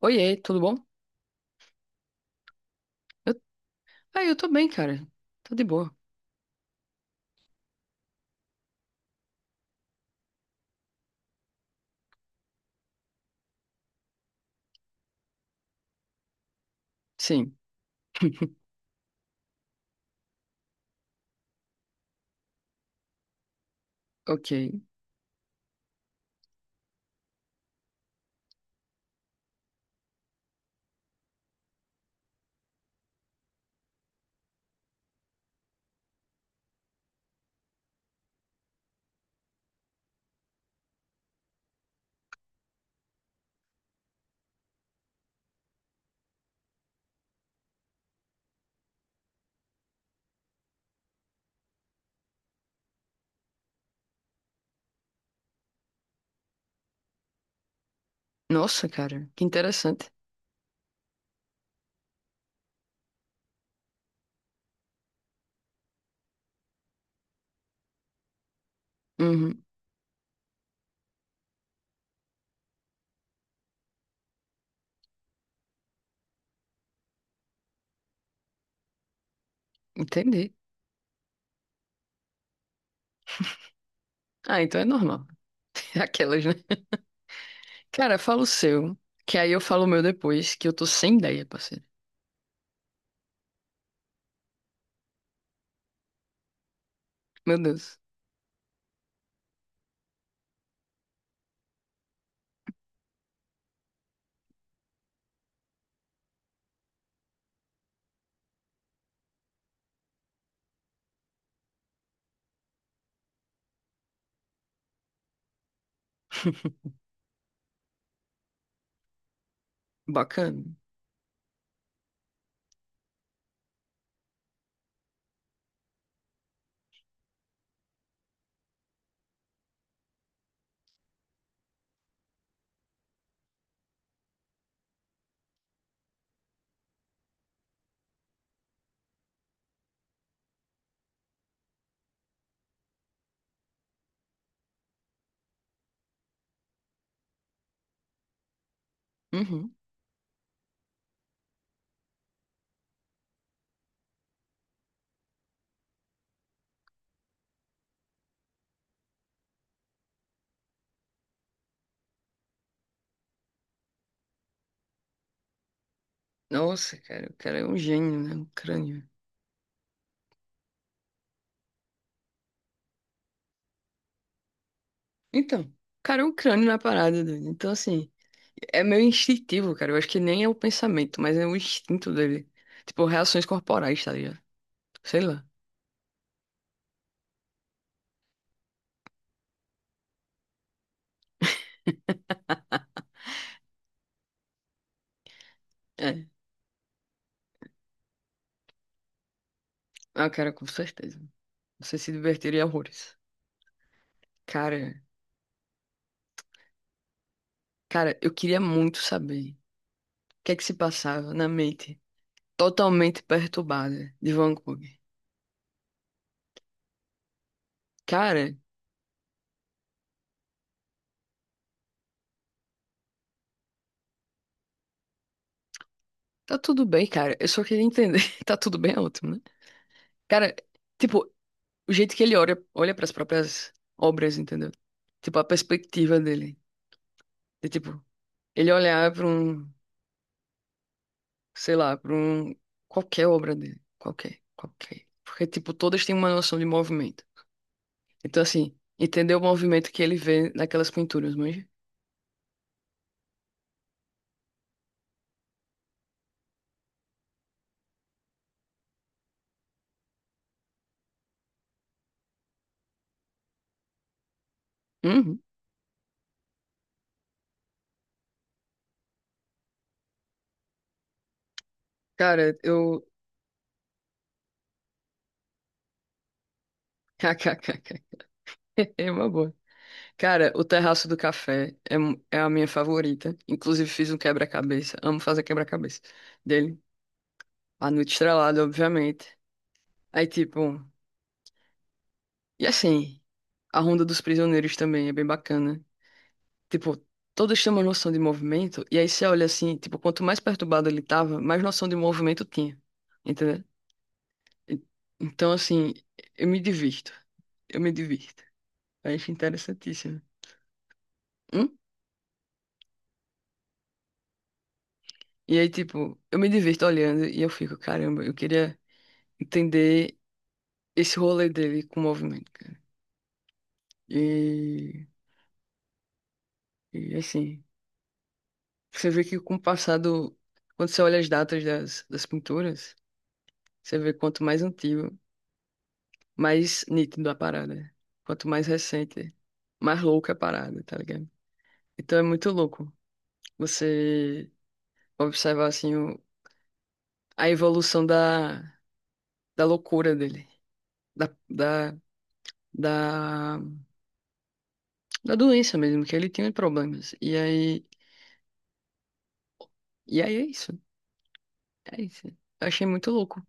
Oiê, tudo bom? Eu... Ah, eu tô bem, cara. Tô de boa. Sim. Ok. Nossa, cara, que interessante. Uhum. Entendi. Ah, então é normal. Aquelas, né? Cara, fala o seu, que aí eu falo o meu depois, que eu tô sem ideia, parceiro. Meu Deus. Bacana. Uhum. Nossa, cara, o cara é um gênio, né? Um crânio. Então, cara, é um crânio na parada, doido. Então, assim, é meio instintivo, cara. Eu acho que nem é o pensamento, mas é o instinto dele. Tipo, reações corporais, tá ligado? Sei lá. É. Ah, cara, com certeza. Você se divertiria horrores. Cara, cara, eu queria muito saber o que é que se passava na mente totalmente perturbada de Van Gogh. Cara, tá tudo bem, cara. Eu só queria entender. Tá tudo bem, é ótimo, né? Cara, tipo, o jeito que ele olha, olha para as próprias obras, entendeu? Tipo, a perspectiva dele. De, tipo, ele olhar pra um, sei lá, pra um, qualquer obra dele. Qualquer, qualquer. Porque, tipo, todas têm uma noção de movimento. Então, assim, entender o movimento que ele vê naquelas pinturas, manja? Uhum. Cara, eu. KKKK. É uma boa. Cara, o Terraço do Café é, é a minha favorita. Inclusive, fiz um quebra-cabeça. Amo fazer quebra-cabeça dele. A Noite Estrelada, obviamente. Aí, tipo. E assim, a Ronda dos Prisioneiros também é bem bacana. Tipo, todos têm uma noção de movimento. E aí, você olha assim, tipo, quanto mais perturbado ele tava, mais noção de movimento tinha. E- Então, assim, eu me divirto. eu me divirto. Eu acho interessantíssimo. Hum? E aí, tipo, eu me divirto olhando e eu fico, caramba, eu queria entender esse rolê dele com o movimento, cara. E, e assim, você vê que com o passado, quando você olha as datas das pinturas, você vê quanto mais antigo, mais nítido a parada. Quanto mais recente, mais louca a parada, tá ligado? Então é muito louco você observar, assim, a evolução da loucura dele, da, da, da, da doença mesmo, que ele tinha problemas. E aí é isso. Eu achei muito louco.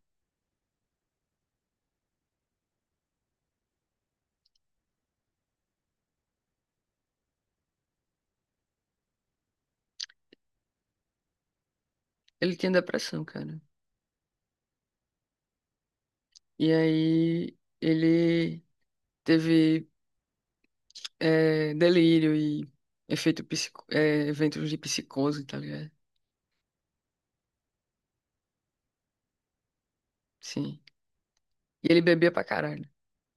Ele tinha depressão, cara. E aí ele teve delírio e efeito psico, eventos de psicose, tá ligado? Sim. E ele bebia pra caralho.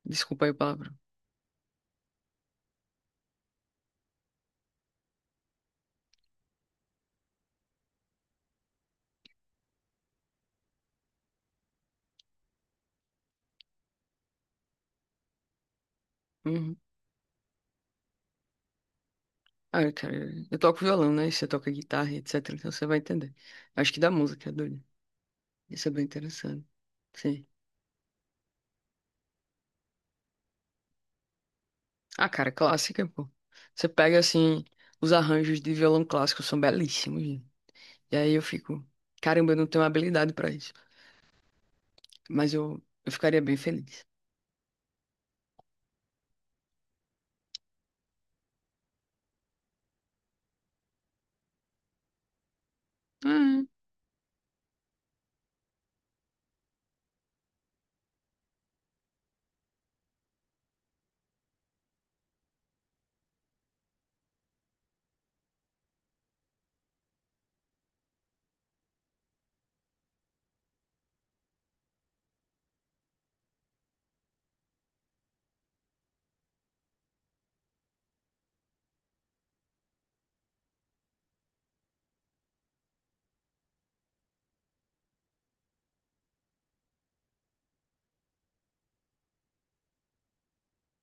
Desculpa aí o palavrão. Uhum. Ah, cara, eu toco violão, né? Você toca guitarra, etc. Então você vai entender. Acho que da música, é doido. Isso é bem interessante. Sim. Ah, cara, clássica, pô. Você pega, assim, os arranjos de violão clássico são belíssimos, né? E aí eu fico, caramba, eu não tenho habilidade pra isso. Mas eu ficaria bem feliz. Ah,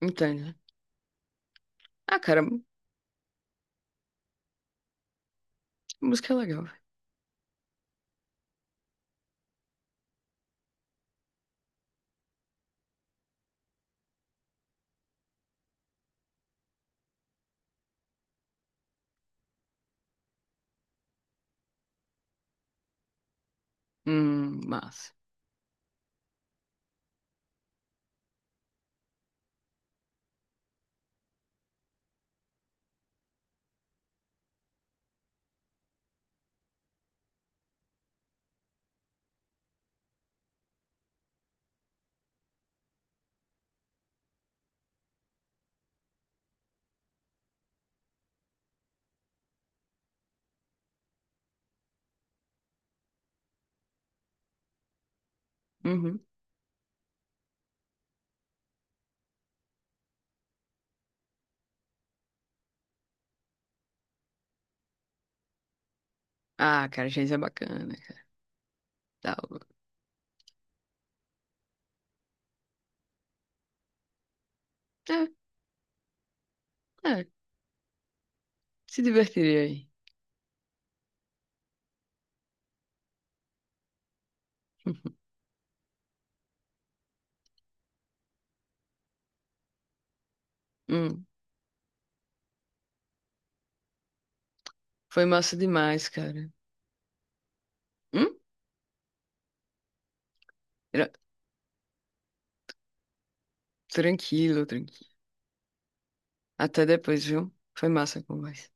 entende? Né? Ah, cara, música é legal, velho. Massa. Uhum. Ah, cara, Geis é bacana, cara. Tá, é, é, se divertiria aí. Hum, foi massa demais, cara. Hum? Era- Tranquilo, tranquilo. Até depois, viu? Foi massa a conversa.